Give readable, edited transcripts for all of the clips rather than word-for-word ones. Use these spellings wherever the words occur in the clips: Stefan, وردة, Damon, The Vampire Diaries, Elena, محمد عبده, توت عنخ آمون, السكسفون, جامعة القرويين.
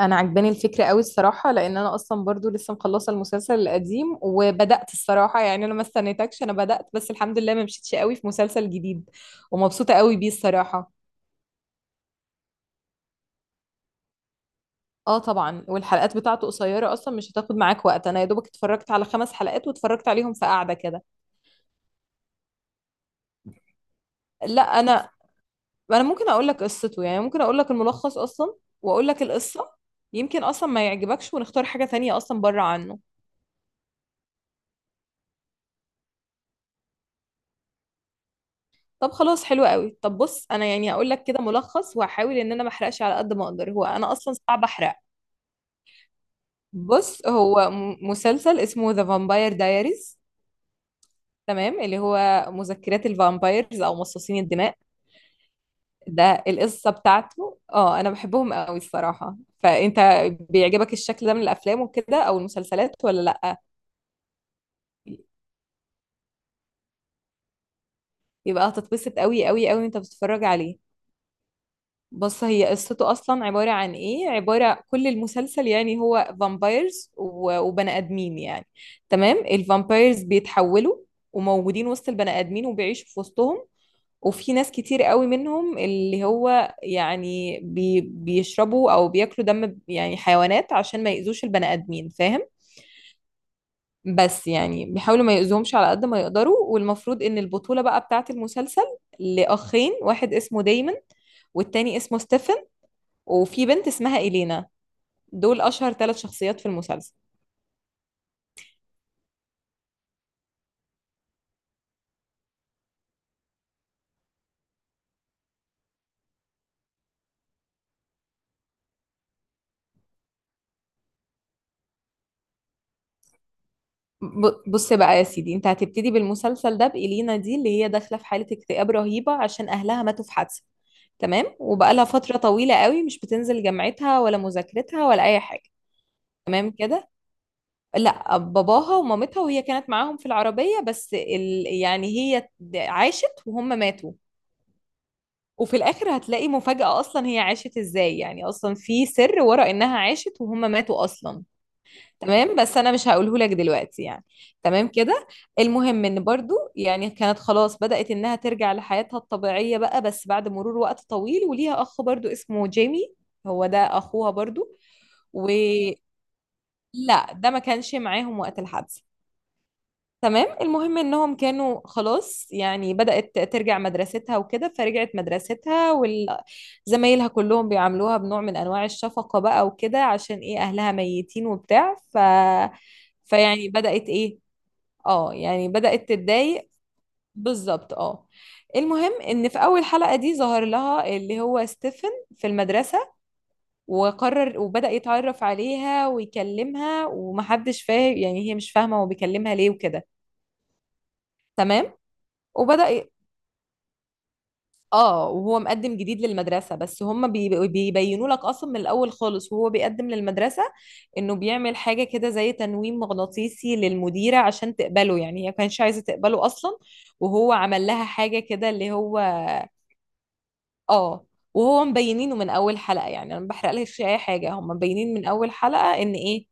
انا عجباني الفكره قوي الصراحه، لان انا اصلا برضو لسه مخلصه المسلسل القديم وبدات. الصراحه يعني انا ما استنيتكش، انا بدات. بس الحمد لله ما مشيتش قوي في مسلسل جديد، ومبسوطه قوي بيه الصراحه. اه طبعا، والحلقات بتاعته قصيره اصلا، مش هتاخد معاك وقت. انا يا دوبك اتفرجت على خمس حلقات، واتفرجت عليهم في قعده كده. لا انا. انا ممكن اقول لك قصته، يعني ممكن اقول لك الملخص اصلا، واقول لك القصه. يمكن اصلا ما يعجبكش ونختار حاجه تانية اصلا بره عنه. طب خلاص حلو قوي. طب بص، انا يعني هقول لك كده ملخص، وهحاول ان انا ما احرقش على قد ما اقدر. هو انا اصلا صعب احرق. بص، هو مسلسل اسمه ذا فامباير دايريز. تمام، اللي هو مذكرات الفامبايرز او مصاصين الدماء. ده القصه بتاعته. اه انا بحبهم قوي الصراحه. فانت بيعجبك الشكل ده من الافلام وكده او المسلسلات ولا لا؟ يبقى هتتبسط قوي قوي قوي وانت بتتفرج عليه. بص، هي قصته اصلا عباره عن ايه؟ عباره كل المسلسل يعني هو فامبايرز وبني ادمين يعني. تمام، الفامبايرز بيتحولوا وموجودين وسط البني ادمين وبيعيشوا في وسطهم، وفي ناس كتير قوي منهم اللي هو يعني بيشربوا او بياكلوا دم يعني حيوانات عشان ما يأذوش البني ادمين، فاهم؟ بس يعني بيحاولوا ما يأذوهمش على قد ما يقدروا. والمفروض ان البطوله بقى بتاعت المسلسل، لاخين: واحد اسمه دايمون، والتاني اسمه ستيفن، وفي بنت اسمها إلينا. دول أشهر ثلاث شخصيات في المسلسل. بص بقى يا سيدي، انت هتبتدي بالمسلسل ده بإلينا دي، اللي هي داخلة في حالة اكتئاب رهيبة عشان أهلها ماتوا في حادثة. تمام، وبقالها فترة طويلة قوي مش بتنزل جامعتها ولا مذاكرتها ولا أي حاجة. تمام كده. لا، باباها ومامتها وهي كانت معاهم في العربية، بس يعني هي عاشت وهم ماتوا. وفي الآخر هتلاقي مفاجأة أصلا، هي عاشت إزاي؟ يعني أصلا في سر ورا إنها عاشت وهم ماتوا أصلا. تمام. بس انا مش هقوله لك دلوقتي يعني. تمام كده. المهم ان برضو يعني كانت خلاص بدأت انها ترجع لحياتها الطبيعية بقى، بس بعد مرور وقت طويل. وليها اخ برضو اسمه جيمي، هو ده اخوها برضو. و لا ده ما كانش معاهم وقت الحادثة. تمام. المهم انهم كانوا خلاص، يعني بدأت ترجع مدرستها وكده، فرجعت مدرستها، وزمايلها كلهم بيعاملوها بنوع من انواع الشفقة بقى وكده، عشان ايه؟ اهلها ميتين وبتاع. فيعني بدأت ايه، اه يعني بدأت تتضايق. بالظبط اه. المهم ان في اول حلقة دي ظهر لها اللي هو ستيفن في المدرسة، وقرر وبدأ يتعرف عليها ويكلمها، ومحدش فاهم. يعني هي مش فاهمة هو بيكلمها ليه وكده. تمام، وبدأ. اه، وهو مقدم جديد للمدرسة، بس هم بيبينوا لك اصلا من الاول خالص، وهو بيقدم للمدرسة، انه بيعمل حاجة كده زي تنويم مغناطيسي للمديرة عشان تقبله، يعني هي ما كانتش عايزة تقبله اصلا، وهو عمل لها حاجة كده اللي هو. اه، وهو مبينينه من اول حلقة. يعني انا ما بحرقلكش اي حاجة، هم مبينين من اول حلقة ان ايه.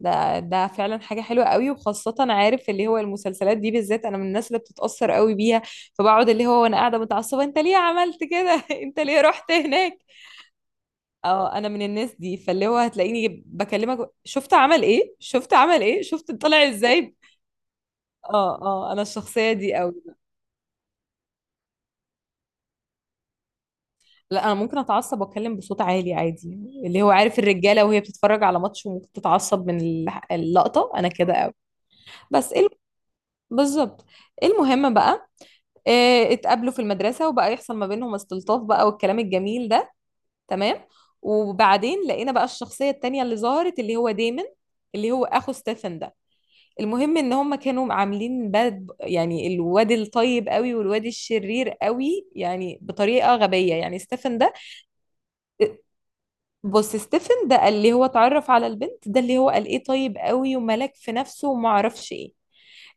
ده فعلا حاجة حلوة قوي، وخاصة عارف اللي هو المسلسلات دي بالذات، انا من الناس اللي بتتأثر قوي بيها، فبقعد اللي هو وانا قاعدة متعصبة: انت ليه عملت كده انت ليه رحت هناك. اه انا من الناس دي، فاللي هو هتلاقيني بكلمك: شفت عمل ايه، شفت عمل ايه، شفت طلع ازاي. اه اه، انا الشخصية دي قوي. لا انا ممكن اتعصب واتكلم بصوت عالي عادي، اللي هو عارف الرجالة وهي بتتفرج على ماتش وممكن تتعصب من اللقطة. انا كده قوي. بس ايه بالظبط. إيه المهم بقى، اتقابلوا في المدرسة، وبقى يحصل ما بينهم استلطاف بقى والكلام الجميل ده. تمام. وبعدين لقينا بقى الشخصية التانية اللي ظهرت اللي هو ديمن، اللي هو اخو ستيفن ده. المهم ان هم كانوا عاملين باد، يعني الواد الطيب قوي والواد الشرير قوي، يعني بطريقة غبية يعني. ستيفن ده، بص ستيفن ده اللي هو اتعرف على البنت، ده اللي هو قال ايه طيب قوي وملاك في نفسه وما اعرفش ايه.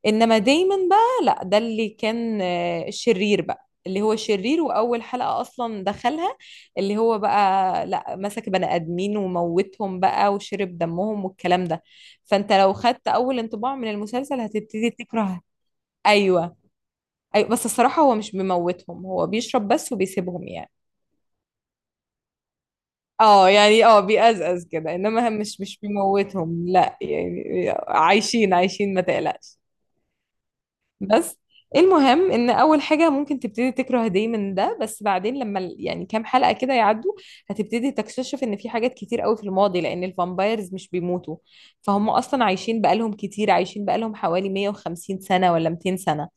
انما دايما بقى لا، ده اللي كان شرير بقى، اللي هو شرير، واول حلقة اصلا دخلها اللي هو بقى، لا، مسك بني ادمين وموتهم بقى وشرب دمهم والكلام ده. فانت لو خدت اول انطباع من المسلسل هتبتدي تكره. ايوه ايوه، بس الصراحة هو مش بيموتهم، هو بيشرب بس وبيسيبهم يعني. اه يعني اه بيقزقز كده، انما هم مش بيموتهم لا، يعني عايشين عايشين ما تقلقش. بس المهم ان اول حاجه ممكن تبتدي تكره دايما من ده، بس بعدين لما يعني كام حلقه كده يعدوا، هتبتدي تكتشف ان في حاجات كتير قوي في الماضي، لان الفامبايرز مش بيموتوا، فهم اصلا عايشين بقالهم كتير، عايشين بقالهم حوالي 150 سنه ولا 200 سنه.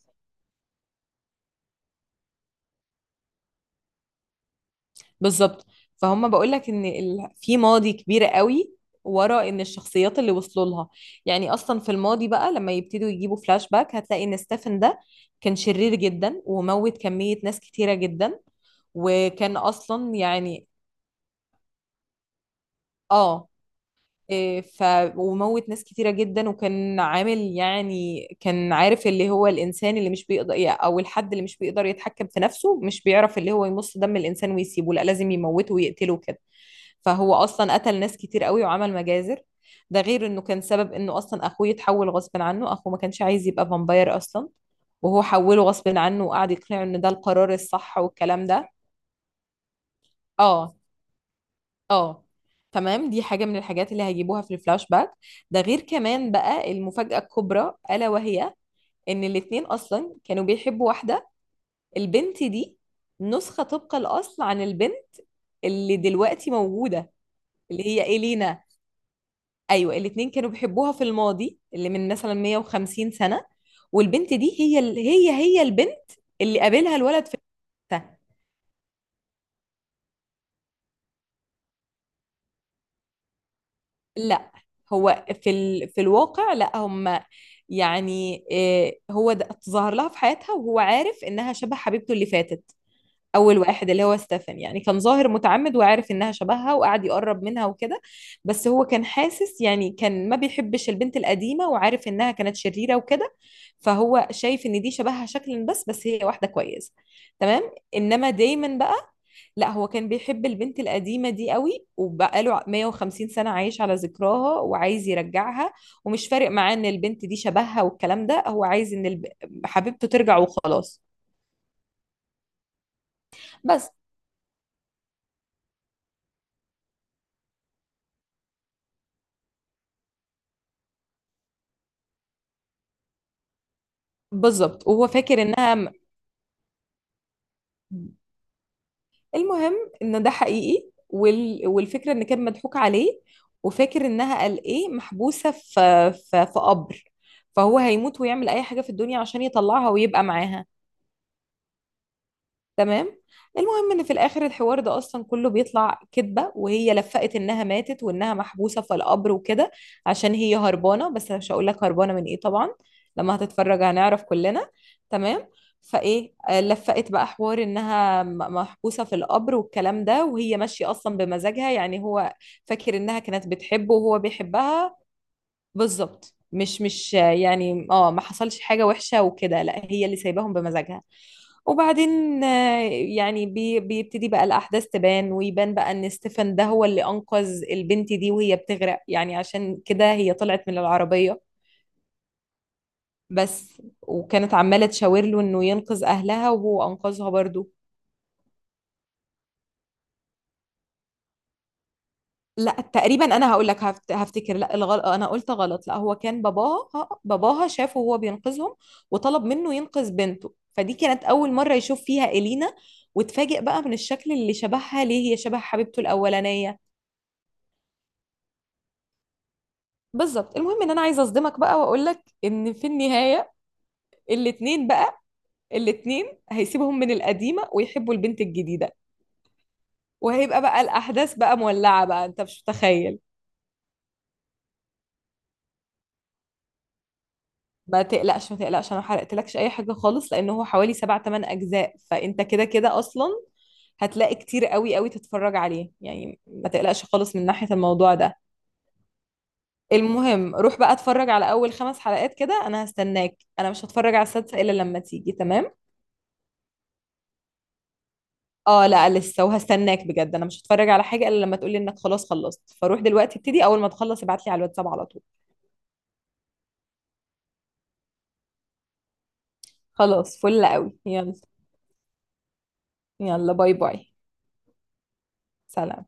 بالظبط. فهم بقول لك ان في ماضي كبير قوي ورا ان الشخصيات اللي وصلوا لها. يعني اصلا في الماضي بقى لما يبتدوا يجيبوا فلاش باك، هتلاقي ان ستيفن ده كان شرير جدا وموت كمية ناس كتيرة جدا، وكان اصلا يعني اه إيه، ف وموت ناس كتيرة جدا، وكان عامل يعني كان عارف اللي هو الإنسان اللي مش بيقدر، أو الحد اللي مش بيقدر يتحكم في نفسه، مش بيعرف اللي هو يمص دم الإنسان ويسيبه، لا لازم يموته ويقتله كده. فهو أصلا قتل ناس كتير قوي وعمل مجازر. ده غير إنه كان سبب إنه أصلا أخوه يتحول غصب عنه. أخوه ما كانش عايز يبقى فامباير أصلا، وهو حوله غصب عنه وقعد يقنعه إن ده القرار الصح والكلام ده. اه اه. تمام، دي حاجة من الحاجات اللي هيجيبوها في الفلاش باك. ده غير كمان بقى المفاجأة الكبرى ألا وهي إن الاتنين أصلا كانوا بيحبوا واحدة، البنت دي نسخة طبق الأصل عن البنت اللي دلوقتي موجودة، اللي هي إلينا. أيوة الاتنين كانوا بيحبوها في الماضي اللي من مثلا 150 سنة. والبنت دي هي هي هي البنت اللي قابلها الولد في. لا هو في في الواقع لا، هم يعني إيه، هو ده ظهر لها في حياتها وهو عارف انها شبه حبيبته اللي فاتت. اول واحد اللي هو ستيفن يعني كان ظاهر متعمد وعارف انها شبهها وقعد يقرب منها وكده. بس هو كان حاسس يعني، كان ما بيحبش البنت القديمة وعارف انها كانت شريرة وكده، فهو شايف ان دي شبهها شكلا بس، هي واحدة كويسة. تمام. انما دايما بقى لا، هو كان بيحب البنت القديمة دي قوي وبقاله 150 سنة عايش على ذكراها وعايز يرجعها، ومش فارق معاه ان البنت دي شبهها والكلام ده. هو عايز ان حبيبته ترجع وخلاص. بس بالظبط. وهو فاكر انها م- المهم ان ده حقيقي، والفكرة ان كان مضحوك عليه، وفاكر انها قال ايه محبوسة في في قبر، فهو هيموت ويعمل اي حاجة في الدنيا عشان يطلعها ويبقى معاها. تمام. المهم ان في الاخر الحوار ده اصلا كله بيطلع كذبه، وهي لفقت انها ماتت وانها محبوسه في القبر وكده، عشان هي هربانه، بس أنا مش هقول لك هربانه من ايه طبعا. لما هتتفرج هنعرف كلنا. تمام. فايه لفقت بقى حوار انها محبوسه في القبر والكلام ده، وهي ماشيه اصلا بمزاجها، يعني هو فاكر انها كانت بتحبه وهو بيحبها. بالظبط، مش مش آه، يعني اه ما حصلش حاجه وحشه وكده، لا هي اللي سايباهم بمزاجها. وبعدين يعني بيبتدي بقى الأحداث تبان، ويبان بقى إن ستيفن ده هو اللي أنقذ البنت دي وهي بتغرق. يعني عشان كده هي طلعت من العربية بس، وكانت عمالة تشاور له إنه ينقذ أهلها، وهو أنقذها برضو. لا تقريبا، أنا هقول لك هفتكر. لا الغلط، أنا قلت غلط. لا هو كان باباها شافه وهو بينقذهم، وطلب منه ينقذ بنته، فدي كانت أول مرة يشوف فيها إلينا، وتفاجئ بقى من الشكل اللي شبهها ليه، هي شبه حبيبته الأولانية. بالظبط. المهم ان انا عايزه اصدمك بقى واقول لك ان في النهايه الاتنين بقى، الاتنين هيسيبهم من القديمه ويحبوا البنت الجديده، وهيبقى بقى الاحداث بقى مولعه بقى، انت مش متخيل. ما تقلقش ما تقلقش، انا ما حرقتلكش اي حاجه خالص، لان هو حوالي سبع تمن اجزاء، فانت كده كده اصلا هتلاقي كتير قوي قوي تتفرج عليه، يعني ما تقلقش خالص من ناحيه الموضوع ده. المهم روح بقى اتفرج على اول خمس حلقات كده، انا هستناك، انا مش هتفرج على السادسه الا لما تيجي. تمام. اه لا لسه، وهستناك بجد، انا مش هتفرج على حاجه الا لما تقولي انك خلاص خلصت، فروح دلوقتي ابتدي، اول ما تخلص ابعت لي على الواتساب على طول. خلاص فل قوي يلا. يلا باي باي. سلام.